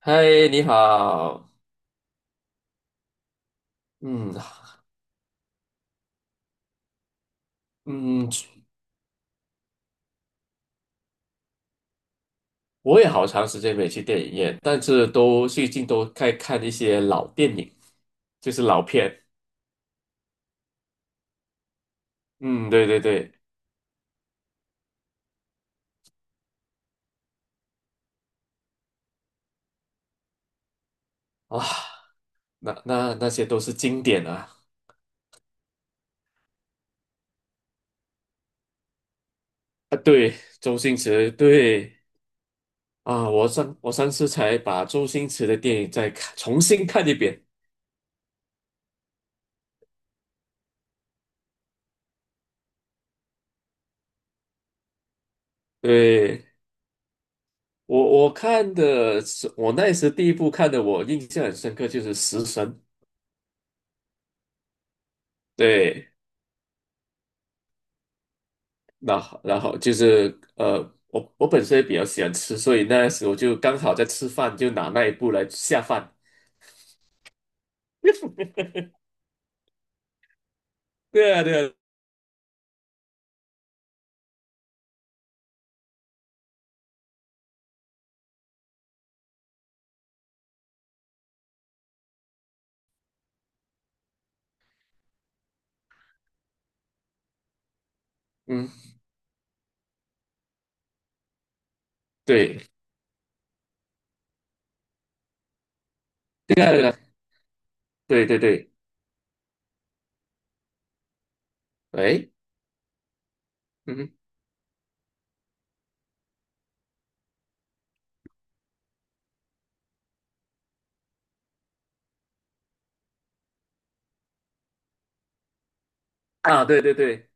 嗨，你好。嗯嗯，我也好长时间没去电影院，但是都最近都在看一些老电影，就是老片。嗯，对对对，啊，那些都是经典啊。啊，对，周星驰，对啊，我上次才把周星驰的电影重新看一遍。对，我看的是，我那时第一部看的，我印象很深刻就是《食神》。对。那好，然后就是我本身也比较喜欢吃，所以那时我就刚好在吃饭，就拿那一步来下饭 对啊，对啊，嗯，对，对啊，对啊，对对对，哎，嗯，啊，对对对，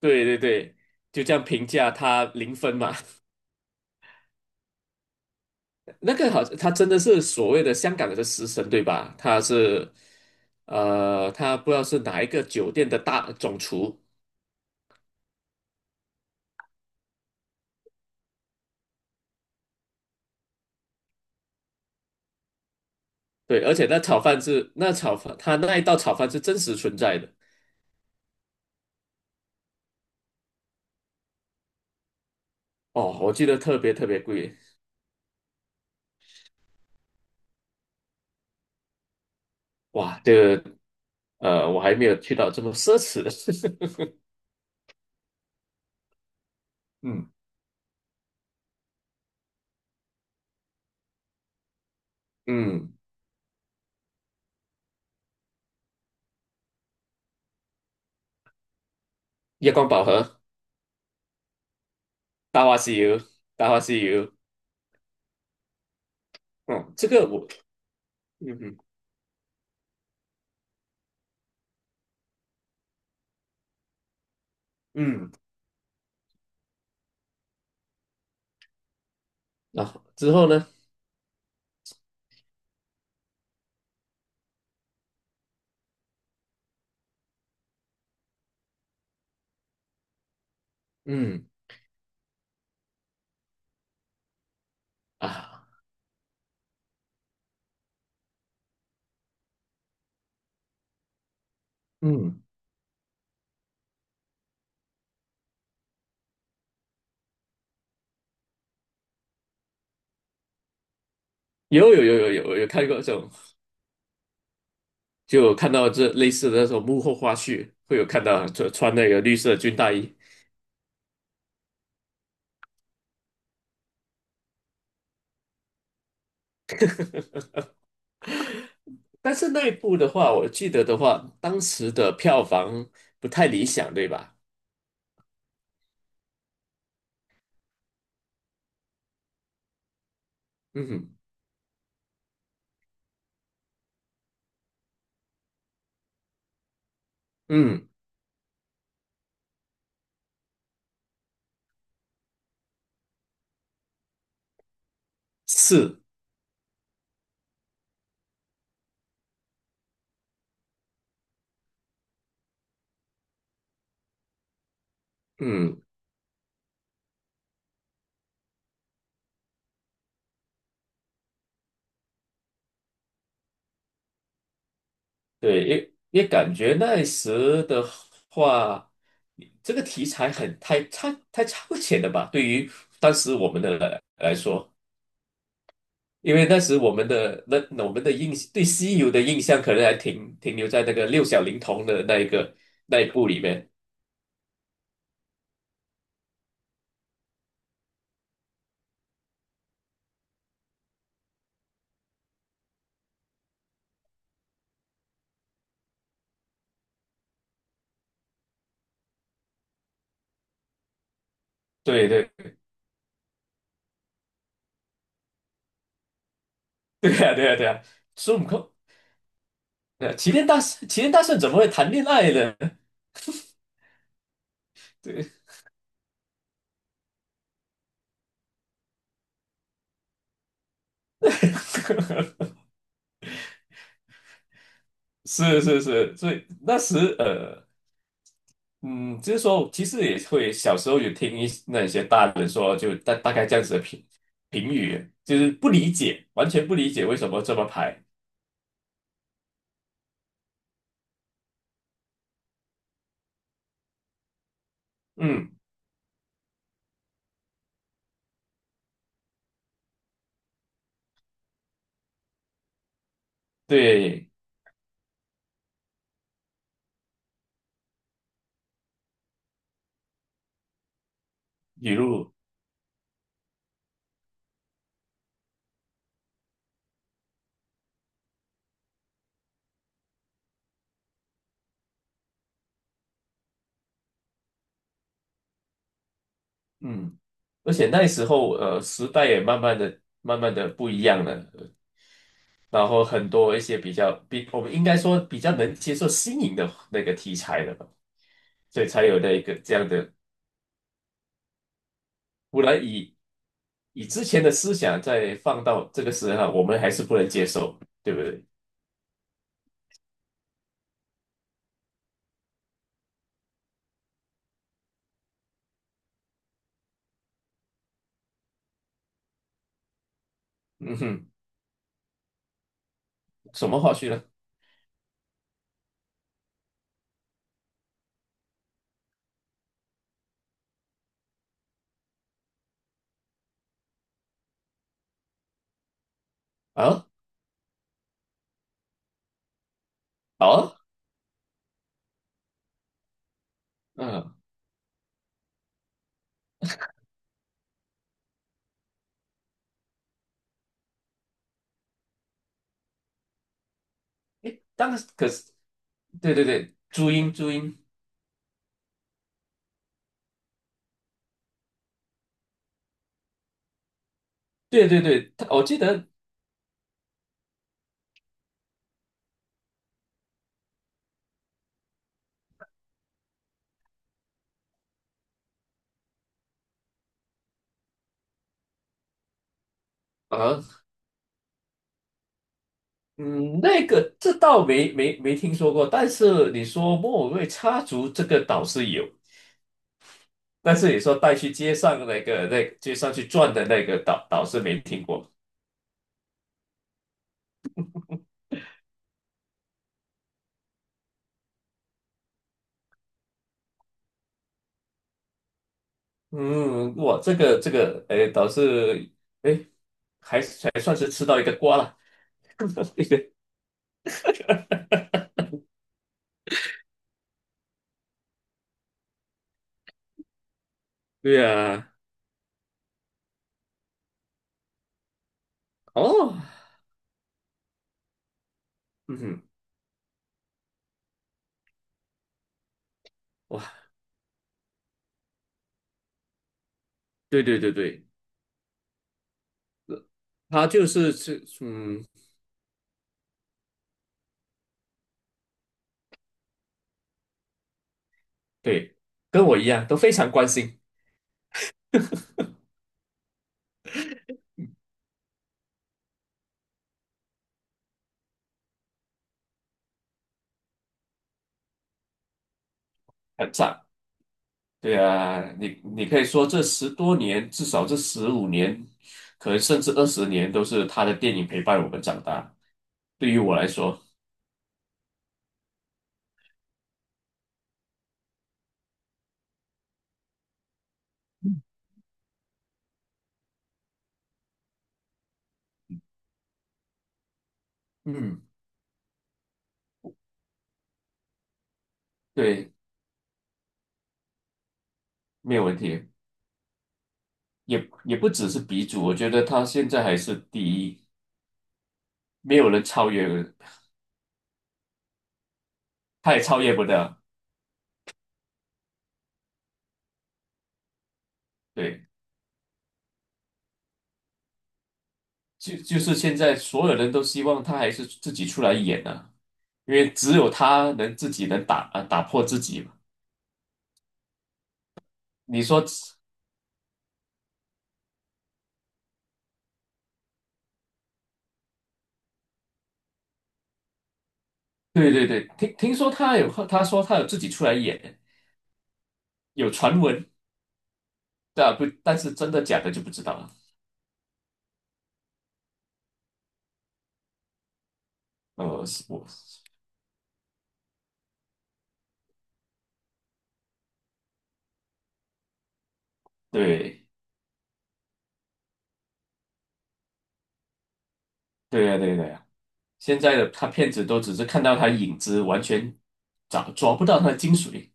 对对对，就这样评价他0分嘛。那个好像他真的是所谓的香港的食神，对吧？他不知道是哪一个酒店的大总厨，对，而且那炒饭，他那一道炒饭是真实存在的。哦，我记得特别特别贵，哇，我还没有去到这么奢侈的。嗯嗯，夜光宝盒、大话西游、大话西游，嗯，这个我，嗯哼嗯，之后呢，嗯啊，嗯，有看过这种，就有看到这类似的那种幕后花絮，会有看到穿那个绿色军大衣，但是那一部的话，我记得的话，当时的票房不太理想，对吧？嗯哼嗯，是。嗯，对，也感觉那时的话，这个题材很太超前了吧？对于当时我们来说，因为那时我们的对西游的印象，可能还停留在那个六小龄童的那一部里面。对对 对呀、啊、对呀、啊、对呀、啊，孙悟空，齐天大圣怎么会谈恋爱呢？对，是是是，所以那时。嗯，就是说，其实也会小时候有听那些大人说，就大概这样子的评语，就是不理解，完全不理解为什么这么排。嗯，对，语录，嗯，而且那时候，时代也慢慢的、慢慢的不一样了，然后很多一些比较比我们应该说比较能接受新颖的那个题材了吧，所以才有那个这样的不然以之前的思想再放到这个时候啊，我们还是不能接受，对不对？嗯哼，什么话去呢？啊，好啊，嗯，诶，当然，可是，对对对，朱茵，朱茵，对对对，他我记得啊，嗯，这倒没听说过，但是你说莫文蔚插足这个岛是有，但是你说带去街上那街上去转的那个岛是没听过。嗯，哇，哎，倒是，哎，还算是吃到一个瓜了，一个，对呀，哦，嗯哼，哇，对对对对，他就是吃，嗯，对，跟我一样都非常关心，很赞，对啊，你可以说这10多年，至少这15年，可能甚至20年，都是他的电影陪伴我们长大，对于我来说，嗯，对，没有问题。也不只是鼻祖，我觉得他现在还是第一，没有人超越，他也超越不了。对，就是现在所有人都希望他还是自己出来演啊，因为只有他能自己打破自己嘛。你说，对对对，听说他说他有自己出来演，有传闻，但不但是真的假的就不知道了。呃，是我对对呀对呀对呀，现在的他骗子都只是看到他影子，完全抓不到他的精髓。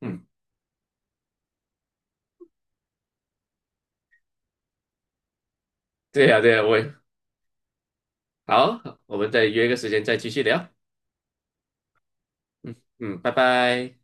嗯，对呀，对呀，我也好，我们再约个时间再继续聊。嗯，拜拜。